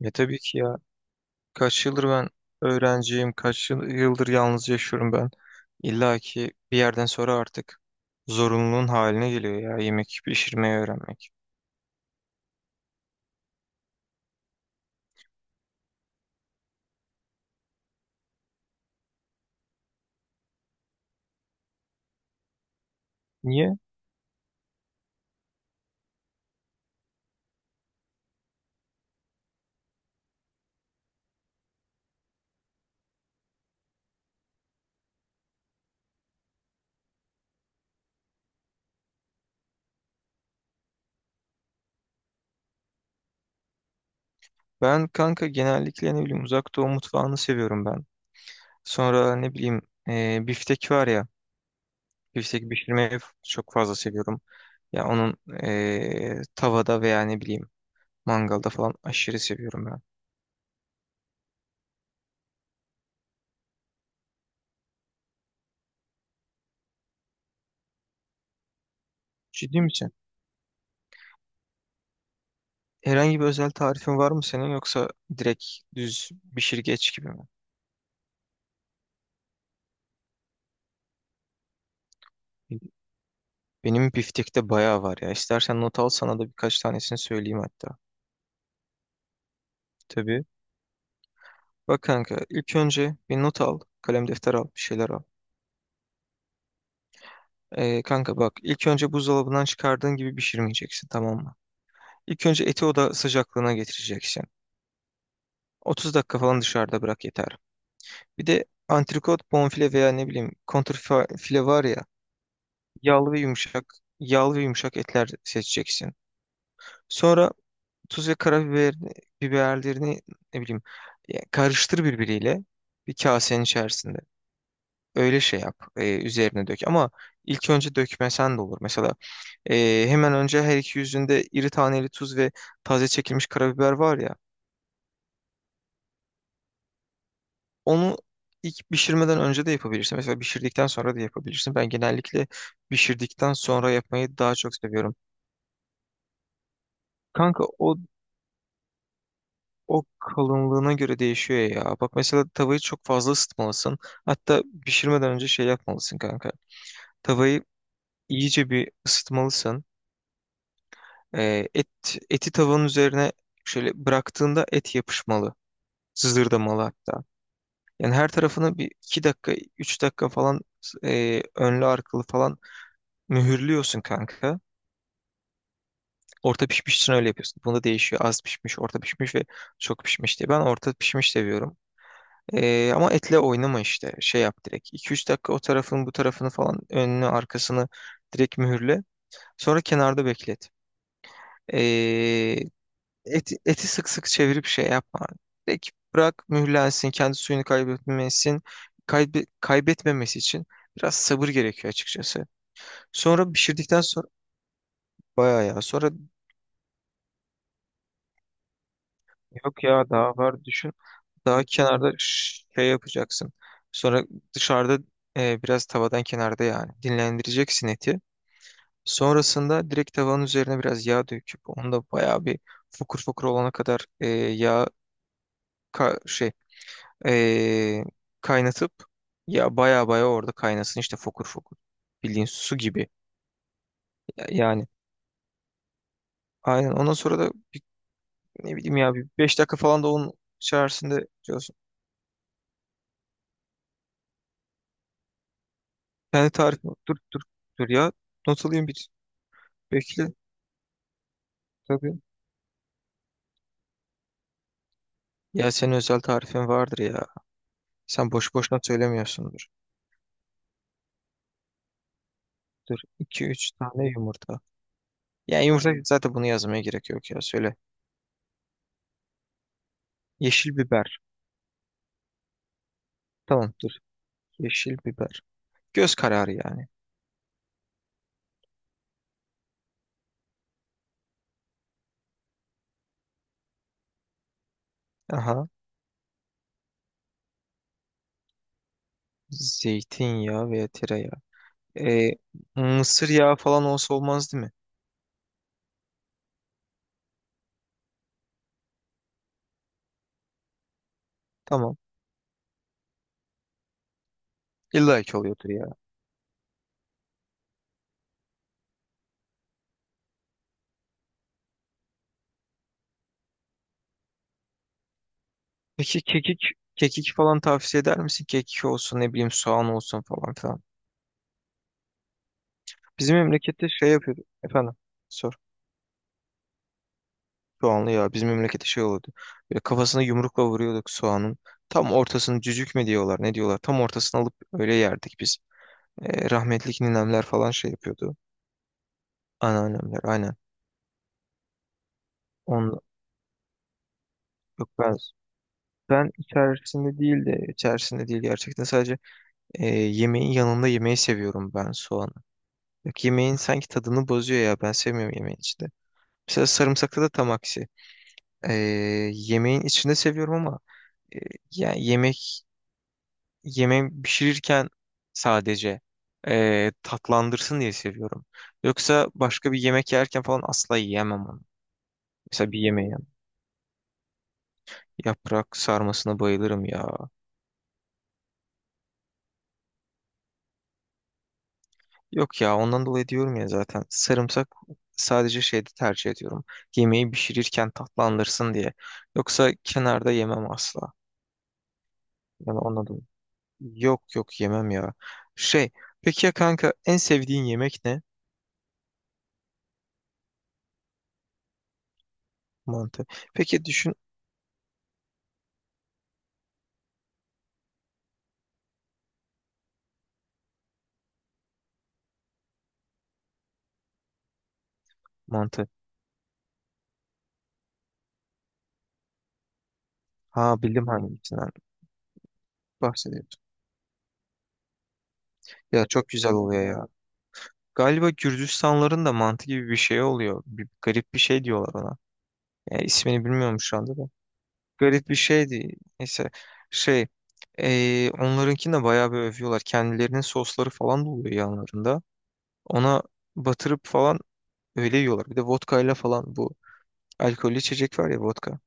Ya tabii ki ya. Kaç yıldır ben öğrenciyim, yıldır yalnız yaşıyorum ben. İlla ki bir yerden sonra artık zorunluluğun haline geliyor ya yemek pişirmeyi öğrenmek. Niye? Ben kanka genellikle ne bileyim uzak doğu mutfağını seviyorum ben. Sonra ne bileyim biftek var ya. Çok fazla seviyorum. Ya onun tavada veya ne bileyim mangalda falan aşırı seviyorum ben. Ciddi misin? Herhangi bir özel tarifin var mı senin, yoksa direkt düz pişir geç gibi mi? Benim biftekte bayağı var ya. İstersen not al, sana da birkaç tanesini söyleyeyim hatta. Tabii. Bak kanka, ilk önce bir not al. Kalem defter al. Bir şeyler al. Kanka bak, ilk önce buzdolabından çıkardığın gibi pişirmeyeceksin, tamam mı? İlk önce eti oda sıcaklığına getireceksin. 30 dakika falan dışarıda bırak yeter. Bir de antrikot, bonfile veya ne bileyim kontrfile var ya, yağlı ve yumuşak yağlı ve yumuşak etler seçeceksin. Sonra tuz ve karabiber biberlerini ne bileyim, ya karıştır birbiriyle bir kasenin içerisinde. Öyle şey yap. Üzerine dök. Ama ilk önce dökmesen de olur. Mesela hemen önce her iki yüzünde iri taneli tuz ve taze çekilmiş karabiber var ya. Onu ilk pişirmeden önce de yapabilirsin. Mesela pişirdikten sonra da yapabilirsin. Ben genellikle pişirdikten sonra yapmayı daha çok seviyorum. Kanka o O kalınlığına göre değişiyor ya. Bak mesela tavayı çok fazla ısıtmalısın. Hatta pişirmeden önce şey yapmalısın kanka. Tavayı iyice bir ısıtmalısın. Et Eti tavanın üzerine şöyle bıraktığında et yapışmalı. Sızırdamalı hatta. Yani her tarafını bir 2 dakika, 3 dakika falan önlü arkalı falan mühürlüyorsun kanka. Orta pişmiş için öyle yapıyorsun. Bunda değişiyor. Az pişmiş, orta pişmiş ve çok pişmiş diye. Ben orta pişmiş seviyorum. Ama etle oynama işte. Şey yap direkt. 2 üç dakika o tarafın bu tarafını falan, önünü arkasını direkt mühürle. Sonra kenarda beklet. Ee, Eti sık sık çevirip şey yapma. Direkt bırak mühürlensin. Kendi suyunu kaybetmesin. Kaybetmemesi için biraz sabır gerekiyor açıkçası. Sonra pişirdikten sonra bayağı ya. Sonra yok ya, daha var düşün. Daha kenarda şey yapacaksın. Sonra dışarıda biraz tavadan kenarda, yani dinlendireceksin eti. Sonrasında direkt tavanın üzerine biraz yağ döküp onu da bayağı bir fokur fokur olana kadar e, yağ ka- şey e, kaynatıp, ya bayağı bayağı orada kaynasın işte, fokur fokur. Bildiğin su gibi ya, yani. Aynen ondan sonra da ne bileyim ya bir 5 dakika falan da onun içerisinde diyorsun. Kendi tarifin. Dur ya, not alayım bir, bekle. Tabii. Ya senin özel tarifin vardır ya. Sen boş boşuna söylemiyorsundur. Dur, iki üç tane yumurta. Yani yumurta, zaten bunu yazmaya gerek yok ya, söyle. Yeşil biber. Tamam dur. Yeşil biber. Göz kararı yani. Aha. Zeytinyağı veya tereyağı. Ee, Mısır yağı falan olsa olmaz değil mi? Tamam. İlla ki oluyordur ya. Peki kekik, kekik falan tavsiye eder misin? Kekik olsun, ne bileyim soğan olsun falan filan. Bizim memlekette şey yapıyordu. Efendim, sor. Soğanlı ya, bizim memlekette şey olurdu. Böyle kafasına yumrukla vuruyorduk soğanın. Tam ortasını cücük mü diyorlar, ne diyorlar. Tam ortasını alıp öyle yerdik biz. Rahmetli ninemler falan şey yapıyordu. Anneannemler aynen. On, yok ben ben içerisinde değil, gerçekten sadece yemeğin yanında yemeği seviyorum ben soğanı. Yok, yemeğin sanki tadını bozuyor ya, ben sevmiyorum yemeğin içinde. Mesela sarımsakta da tam aksi. E, Yemeğin içinde seviyorum ama e, yani yemek yemeği pişirirken sadece tatlandırsın diye seviyorum. Yoksa başka bir yemek yerken falan asla yiyemem onu. Mesela bir yemeği. Yaprak sarmasına bayılırım ya. Yok ya, ondan dolayı diyorum ya zaten, sarımsak sadece şeyde tercih ediyorum. Yemeği pişirirken tatlandırsın diye. Yoksa kenarda yemem asla. Yani ondan dolayı. Yok yok, yemem ya. Şey, peki ya kanka, en sevdiğin yemek ne? Mantı. Peki düşün, mantı. Ha, bildim hangisinden bahsediyorsun. Ya çok güzel oluyor ya. Galiba Gürcistanların da mantı gibi bir şey oluyor. Bir garip bir şey diyorlar ona. Yani ismini bilmiyorum şu anda da. Garip bir şeydi. Neyse, şey, onlarınkini de bayağı bir övüyorlar. Kendilerinin sosları falan da oluyor yanlarında. Ona batırıp falan öyle yiyorlar. Bir de vodka ile falan, bu alkollü içecek var ya, vodka.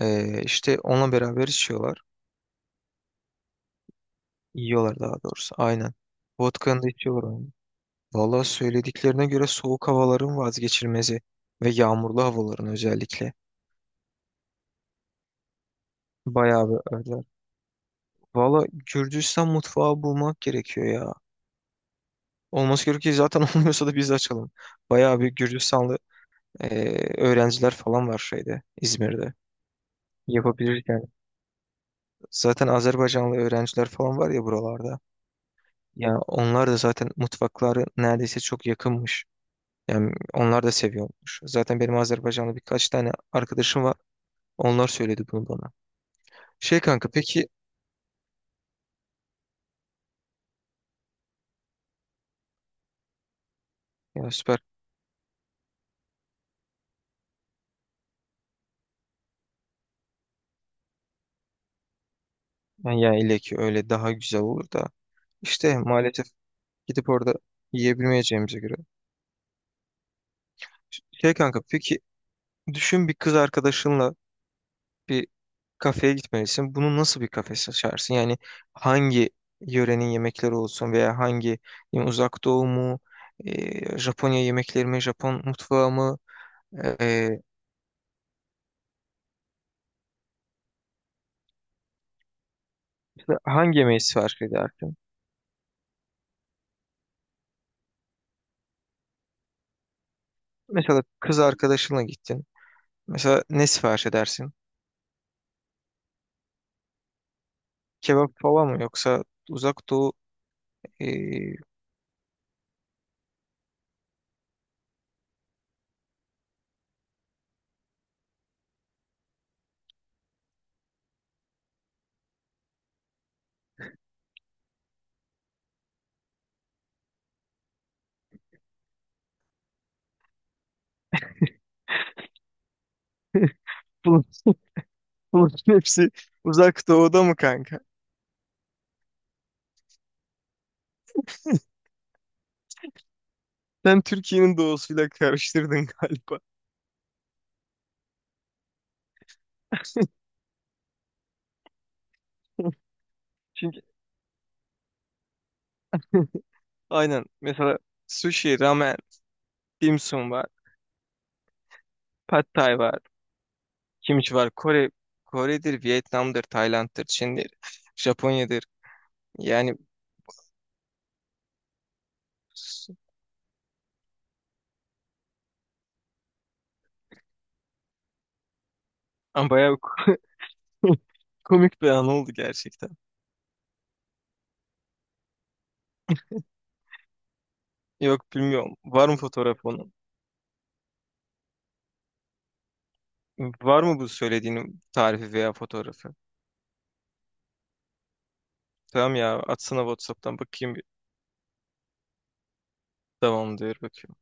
İşte onunla beraber içiyorlar. Yiyorlar daha doğrusu. Aynen. Vodkanı da içiyorlar. Aynen. Valla söylediklerine göre soğuk havaların vazgeçilmezi ve yağmurlu havaların özellikle, bayağı bir övdüler. Valla Gürcistan mutfağı bulmak gerekiyor ya. Olması gerekiyor ki zaten olmuyorsa da biz de açalım. Bayağı bir Gürcistanlı öğrenciler falan var şeyde, İzmir'de. Yapabiliriz yani. Zaten Azerbaycanlı öğrenciler falan var ya buralarda. Ya onlar da zaten, mutfakları neredeyse çok yakınmış. Yani onlar da seviyormuş. Zaten benim Azerbaycanlı birkaç tane arkadaşım var. Onlar söyledi bunu bana. Şey kanka peki, ya süper. Yani ya ile ki öyle daha güzel olur da. İşte maalesef gidip orada yiyebilmeyeceğimize göre. Şey kanka, peki düşün, bir kız arkadaşınla bir kafeye gitmelisin. Bunu nasıl bir kafe seçersin? Yani hangi yörenin yemekleri olsun, veya hangi, yani uzak doğu mu, Japonya yemekleri mi, Japon mutfağı mı, e, işte hangi yemeği sipariş edersin? Mesela kız arkadaşınla gittin. Mesela ne sipariş edersin? Kebap falan mı, yoksa uzak doğu e, bunun, bunun hepsi uzak doğuda mı kanka? Sen Türkiye'nin doğusuyla karıştırdın galiba. Çünkü aynen. Mesela sushi, ramen, dim sum var. Pad thai var. Kimchi var. Kore'dir, Vietnam'dır, Tayland'dır, Çin'dir, Japonya'dır. Yani s- Ama bayağı komik bir an oldu gerçekten. Yok bilmiyorum. Var mı fotoğrafı onun? Var mı bu söylediğinin tarifi veya fotoğrafı? Tamam ya, atsana WhatsApp'tan bakayım bir. Tamam diyor, bakıyorum.